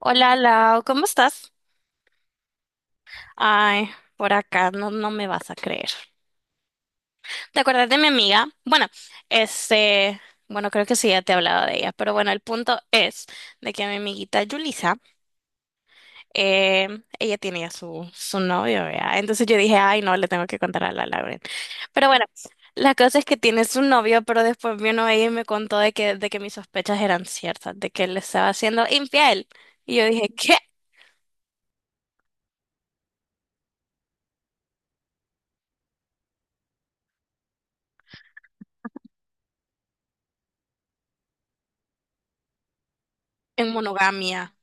Hola Lau, ¿cómo estás? Ay, por acá no me vas a creer. ¿Te acuerdas de mi amiga? Bueno, este, bueno, creo que sí ya te he hablado de ella, pero bueno, el punto es de que mi amiguita Yulisa, eh, ella tiene ya su novio, vea. Entonces yo dije, ay, no, le tengo que contar a la Lauren. Pero bueno, la cosa es que tiene su novio, pero después vino ella y me contó de que mis sospechas eran ciertas, de que él le estaba siendo infiel. Y yo dije, ¿qué? En monogamia.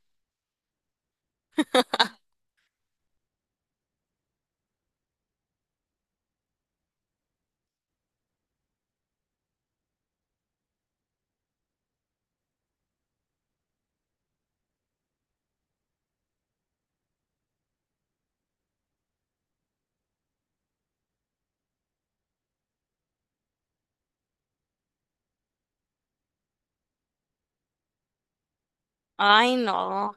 Ay, no.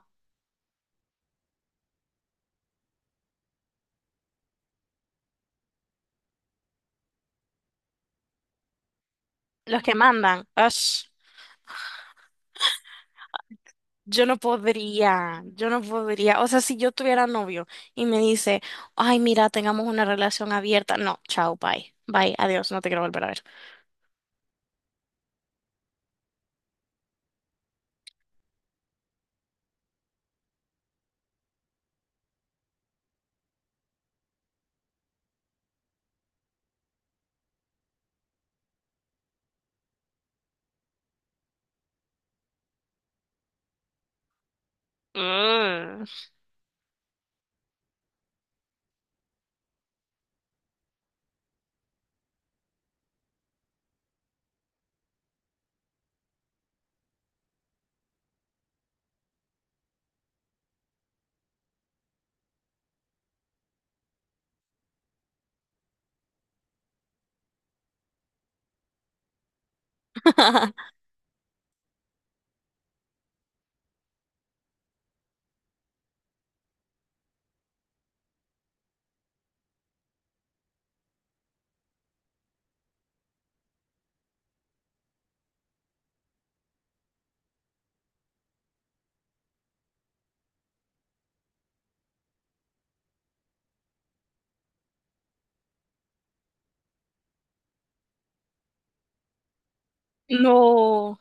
Los que mandan. Ash, yo no podría, yo no podría. O sea, si yo tuviera novio y me dice, ay, mira, tengamos una relación abierta. No, chao, bye. Bye, adiós, no te quiero volver a ver. Mm. No.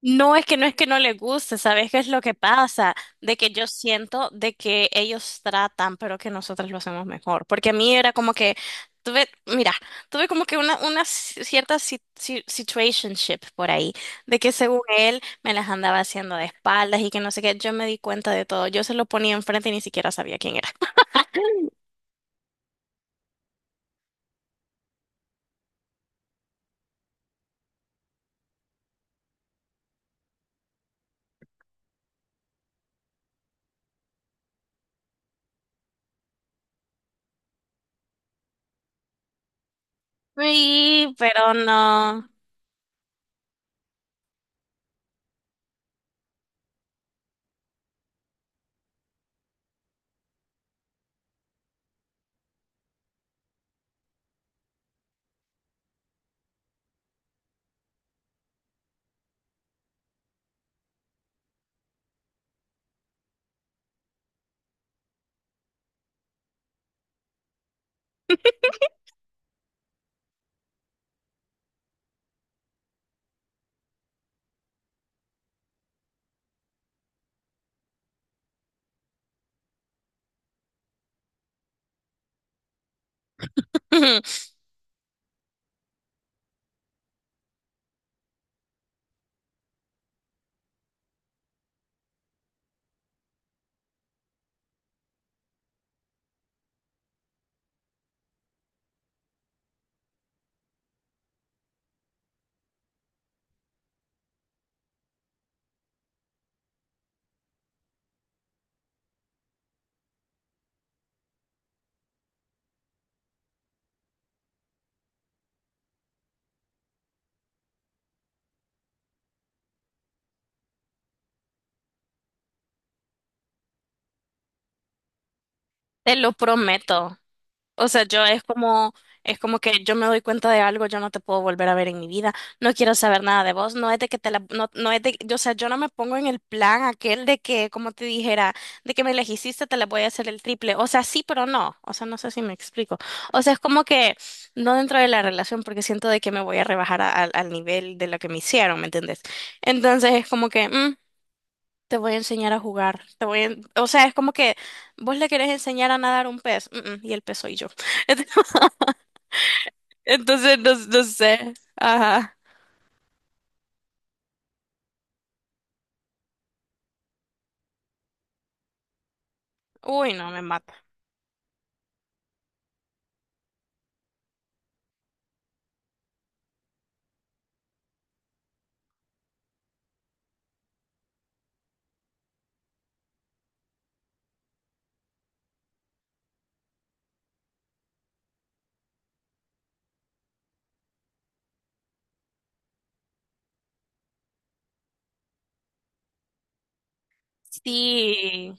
No es que no le guste, ¿sabes qué es lo que pasa? De que yo siento de que ellos tratan, pero que nosotros lo hacemos mejor. Porque a mí era como que tuve, mira, tuve como que una cierta situationship por ahí, de que según él me las andaba haciendo de espaldas y que no sé qué, yo me di cuenta de todo, yo se lo ponía enfrente y ni siquiera sabía quién era. Sí, pero no, te lo prometo. O sea, yo es como que yo me doy cuenta de algo, yo no te puedo volver a ver en mi vida, no quiero saber nada de vos, no es de que te la, no, no es de, yo, o sea, yo no me pongo en el plan aquel de que, como te dijera, de que me elegiste, te la voy a hacer el triple, o sea, sí, pero no, o sea, no sé si me explico, o sea, es como que no dentro de la relación porque siento de que me voy a rebajar al nivel de lo que me hicieron, ¿me entendés? Entonces es como que, te voy a enseñar a jugar, te voy a, en- o sea, es como que vos le querés enseñar a nadar un pez, y el pez soy yo. Entonces, no, no sé. Ajá. Uy, no, me mata. Sí.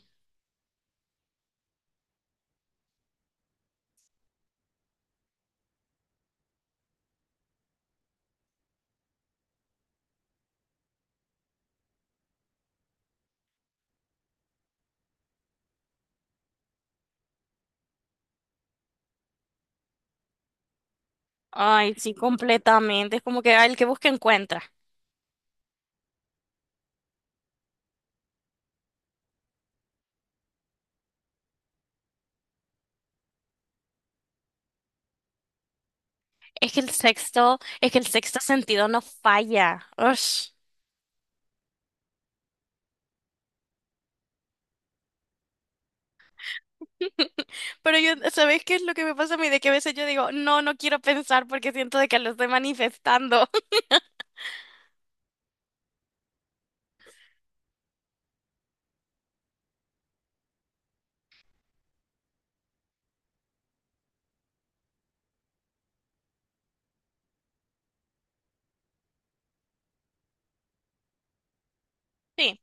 Ay, sí, completamente. Es como que ay, el que busca encuentra. Es que el sexto sentido no falla. Ush. Pero yo, ¿sabes qué es lo que me pasa a mí? De que a veces yo digo, no, no quiero pensar porque siento de que lo estoy manifestando. Sí.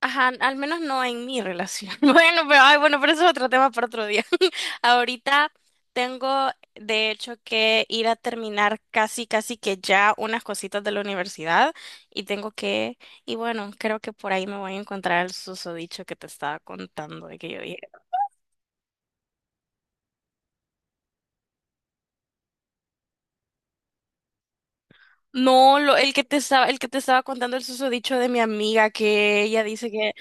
Ajá, al menos no en mi relación. Bueno, pero ay, bueno, pero eso es otro tema para otro día. Ahorita tengo, de hecho, que ir a terminar casi, casi que ya unas cositas de la universidad y tengo que, y bueno, creo que por ahí me voy a encontrar el susodicho que te estaba contando de que yo dije. No, lo, el que te estaba, el que te estaba contando el susodicho de mi amiga que ella dice que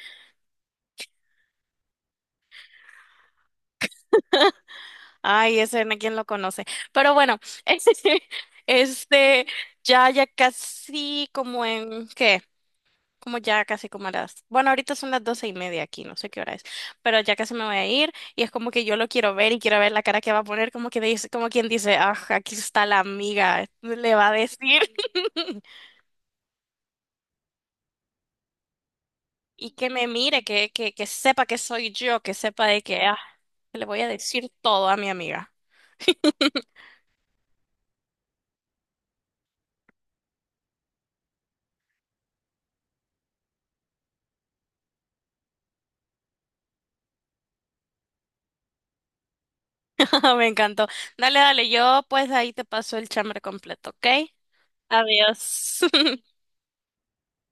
ay, ese no quién lo conoce. Pero bueno, este, este, ya, ya casi como en, ¿qué? Como ya casi como a las, bueno, ahorita son las 12:30 aquí, no sé qué hora es, pero ya casi me voy a ir y es como que yo lo quiero ver y quiero ver la cara que va a poner, como que dice, como quien dice, ah, aquí está la amiga, le va a decir. Y que me mire, que sepa que soy yo, que sepa de que, ah, le voy a decir todo a mi amiga. Me encantó. Dale, dale, yo pues ahí te paso el chambre completo, ¿ok? Adiós.